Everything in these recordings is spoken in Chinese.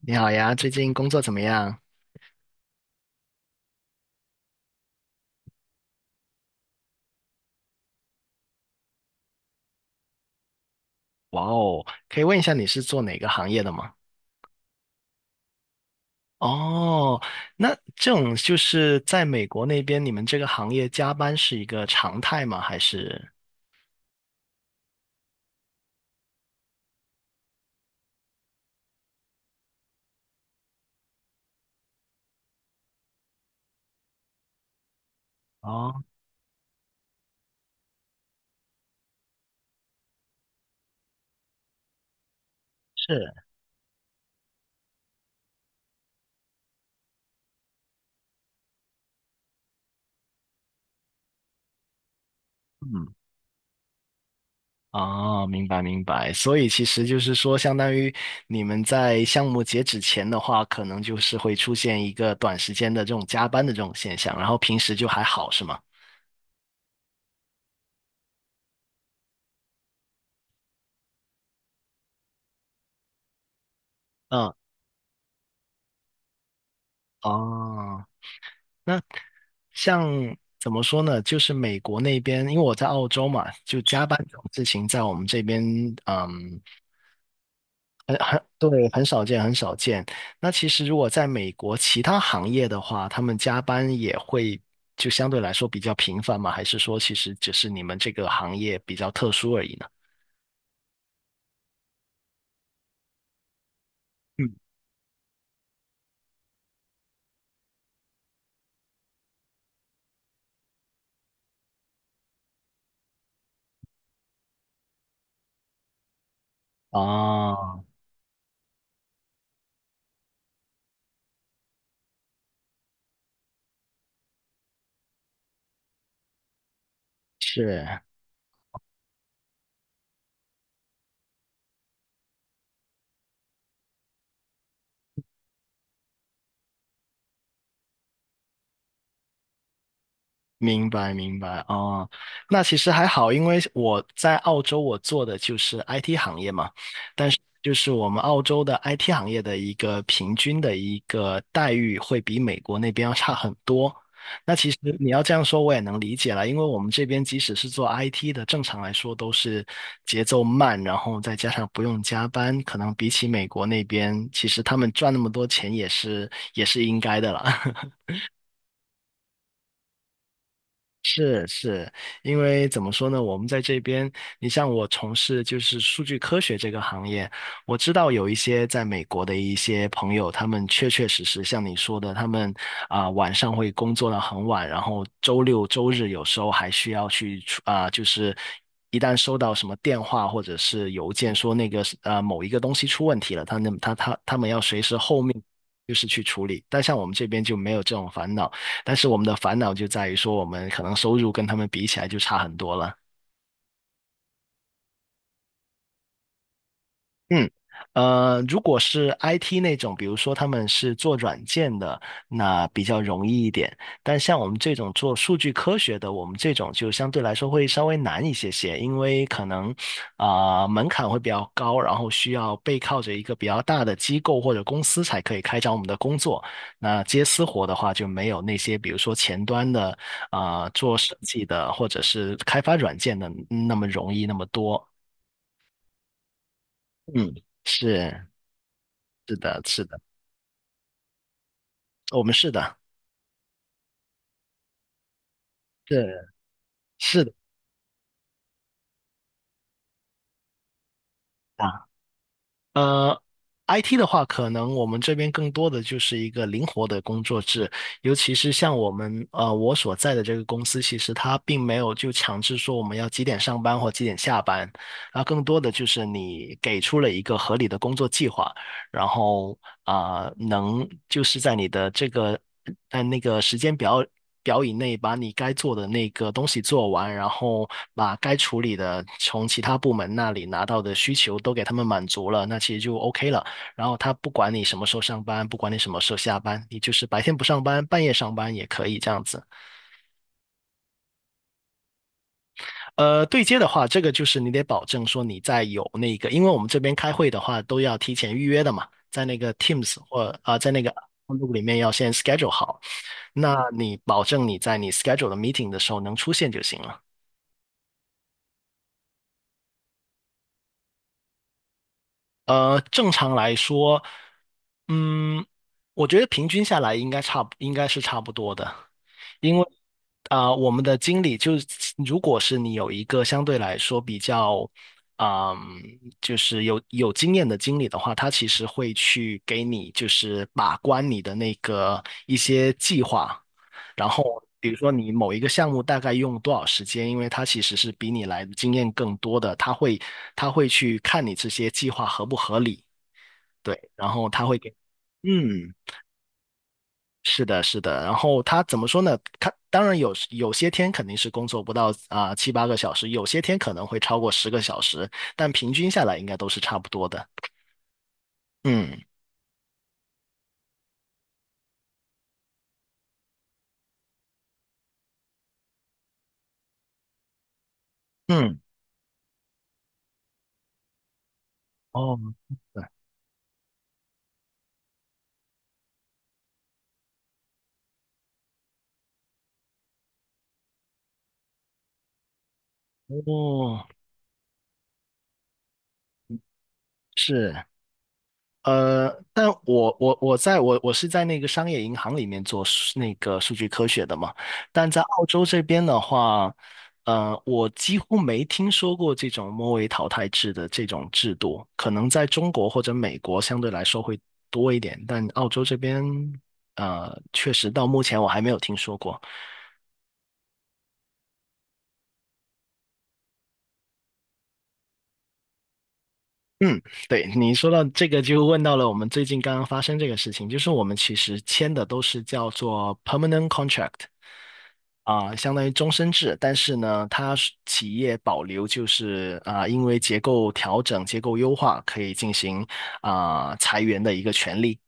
你好呀，最近工作怎么样？哇哦，可以问一下你是做哪个行业的吗？哦，那这种就是在美国那边，你们这个行业加班是一个常态吗？还是？哦，是，嗯，哦，明白明白。所以其实就是说，相当于你们在项目截止前的话，可能就是会出现一个短时间的这种加班的这种现象，然后平时就还好，是吗？嗯，哦。那像怎么说呢？就是美国那边，因为我在澳洲嘛，就加班这种事情在我们这边，嗯，很对，很少见，很少见。那其实如果在美国其他行业的话，他们加班也会就相对来说比较频繁嘛？还是说其实只是你们这个行业比较特殊而已呢？嗯，啊，是。明白明白哦，那其实还好，因为我在澳洲，我做的就是 IT 行业嘛，但是就是我们澳洲的 IT 行业的一个平均的一个待遇会比美国那边要差很多。那其实你要这样说，我也能理解了，因为我们这边即使是做 IT 的，正常来说都是节奏慢，然后再加上不用加班，可能比起美国那边，其实他们赚那么多钱也是应该的了。是是，因为怎么说呢？我们在这边，你像我从事就是数据科学这个行业，我知道有一些在美国的一些朋友，他们确确实实像你说的，他们晚上会工作到很晚，然后周六周日有时候还需要去出就是一旦收到什么电话或者是邮件说那个某一个东西出问题了，他那他他他们要随时后面就是去处理，但像我们这边就没有这种烦恼。但是我们的烦恼就在于说，我们可能收入跟他们比起来就差很多了。嗯，如果是 IT 那种，比如说他们是做软件的，那比较容易一点。但像我们这种做数据科学的，我们这种就相对来说会稍微难一些些，因为可能门槛会比较高，然后需要背靠着一个比较大的机构或者公司才可以开展我们的工作。那接私活的话，就没有那些比如说前端的做设计的或者是开发软件的那么容易那么多。嗯，是。是的，是的。我们是的，是是的啊，呃，IT 的话，可能我们这边更多的就是一个灵活的工作制，尤其是像我们我所在的这个公司，其实它并没有就强制说我们要几点上班或几点下班，啊，更多的就是你给出了一个合理的工作计划，然后能就是在你的这个在那个时间表以内，把你该做的那个东西做完，然后把该处理的从其他部门那里拿到的需求都给他们满足了，那其实就 OK 了。然后他不管你什么时候上班，不管你什么时候下班，你就是白天不上班，半夜上班也可以这样子。对接的话，这个就是你得保证说你在有那个，因为我们这边开会的话都要提前预约的嘛，在那个 Teams 或在那个 Outlook 里面要先 schedule 好。那你保证你在你 schedule 的 meeting 的时候能出现就行了。正常来说，嗯，我觉得平均下来应该差不，应该是差不多的。因为我们的经理就是，如果是你有一个相对来说比较，嗯，就是有经验的经理的话，他其实会去给你就是把关你的那个一些计划，然后比如说你某一个项目大概用多少时间，因为他其实是比你来的经验更多的，他会去看你这些计划合不合理，对，然后他会给，嗯。是的，是的。然后他怎么说呢？他当然有些天肯定是工作不到啊七八个小时，有些天可能会超过10个小时，但平均下来应该都是差不多的。嗯嗯，哦，对，哦，是。但我是在那个商业银行里面做数那个数据科学的嘛，但在澳洲这边的话，我几乎没听说过这种末位淘汰制的这种制度，可能在中国或者美国相对来说会多一点，但澳洲这边，确实到目前我还没有听说过。嗯，对，你说到这个，就问到了我们最近刚刚发生这个事情，就是我们其实签的都是叫做 permanent contract。相当于终身制，但是呢，它是企业保留就是因为结构调整、结构优化，可以进行裁员的一个权利。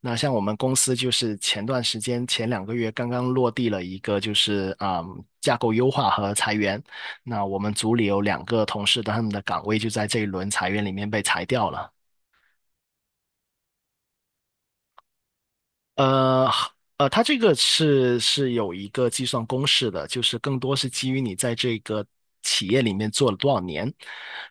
那像我们公司就是前段时间前2个月刚刚落地了一个就是架构优化和裁员，那我们组里有两个同事的他们的岗位就在这一轮裁员里面被裁掉了。呃它这个是有一个计算公式的，就是更多是基于你在这个企业里面做了多少年。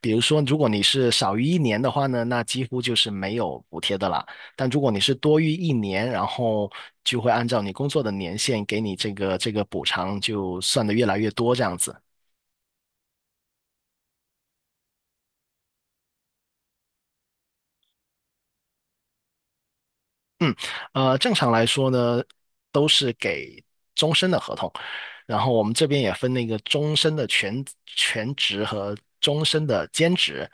比如说，如果你是少于一年的话呢，那几乎就是没有补贴的啦。但如果你是多于一年，然后就会按照你工作的年限给你这个补偿，就算的越来越多这样子。嗯，正常来说呢，都是给终身的合同，然后我们这边也分那个终身的全职和终身的兼职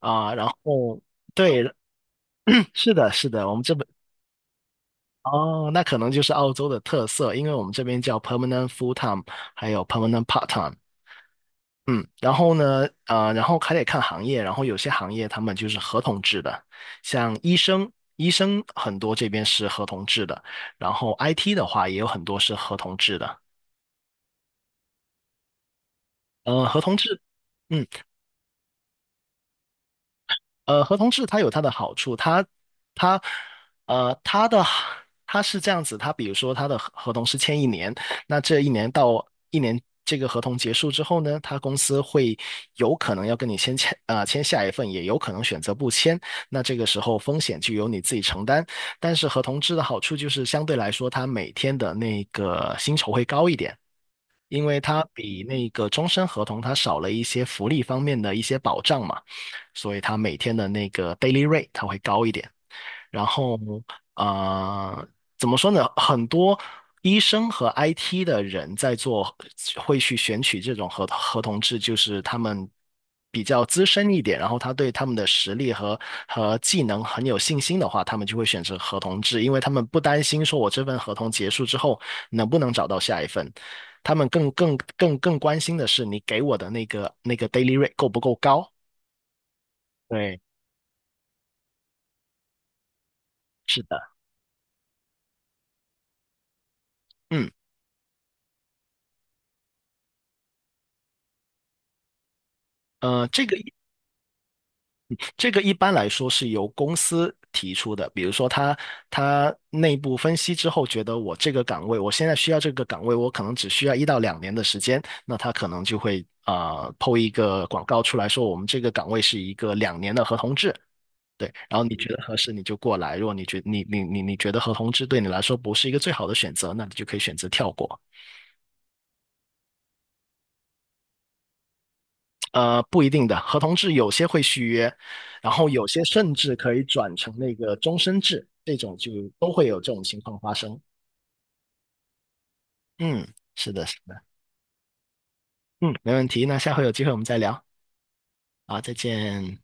啊，然后对，是的，是的，我们这边哦，那可能就是澳洲的特色，因为我们这边叫 permanent full time，还有 permanent part time。嗯，然后呢，然后还得看行业，然后有些行业他们就是合同制的，像医生，医生很多这边是合同制的，然后 IT 的话也有很多是合同制的，合同制，嗯。合同制它有它的好处，它它的它是这样子，它比如说它的合同是签一年，那这一年这个合同结束之后呢，他公司会有可能要跟你先签签下一份，也有可能选择不签，那这个时候风险就由你自己承担。但是合同制的好处就是相对来说，它每天的那个薪酬会高一点。因为它比那个终身合同它少了一些福利方面的一些保障嘛，所以它每天的那个 daily rate 它会高一点。然后呃，怎么说呢？很多医生和 IT 的人在做，会去选取这种合同制，就是他们比较资深一点，然后他对他们的实力和和技能很有信心的话，他们就会选择合同制，因为他们不担心说我这份合同结束之后能不能找到下一份。他们更关心的是你给我的那个 daily rate 够不够高？对，是的，嗯，呃，这个。这个一般来说是由公司提出的，比如说他内部分析之后，觉得我这个岗位，我现在需要这个岗位，我可能只需要1到2年的时间，那他可能就会抛一个广告出来说，我们这个岗位是一个两年的合同制，对，然后你觉得合适你就过来，如果你觉你你你你觉得合同制对你来说不是一个最好的选择，那你就可以选择跳过。不一定的，合同制有些会续约，然后有些甚至可以转成那个终身制，这种就都会有这种情况发生。嗯，是的，是的，嗯，没问题。那下回有机会我们再聊。好，再见。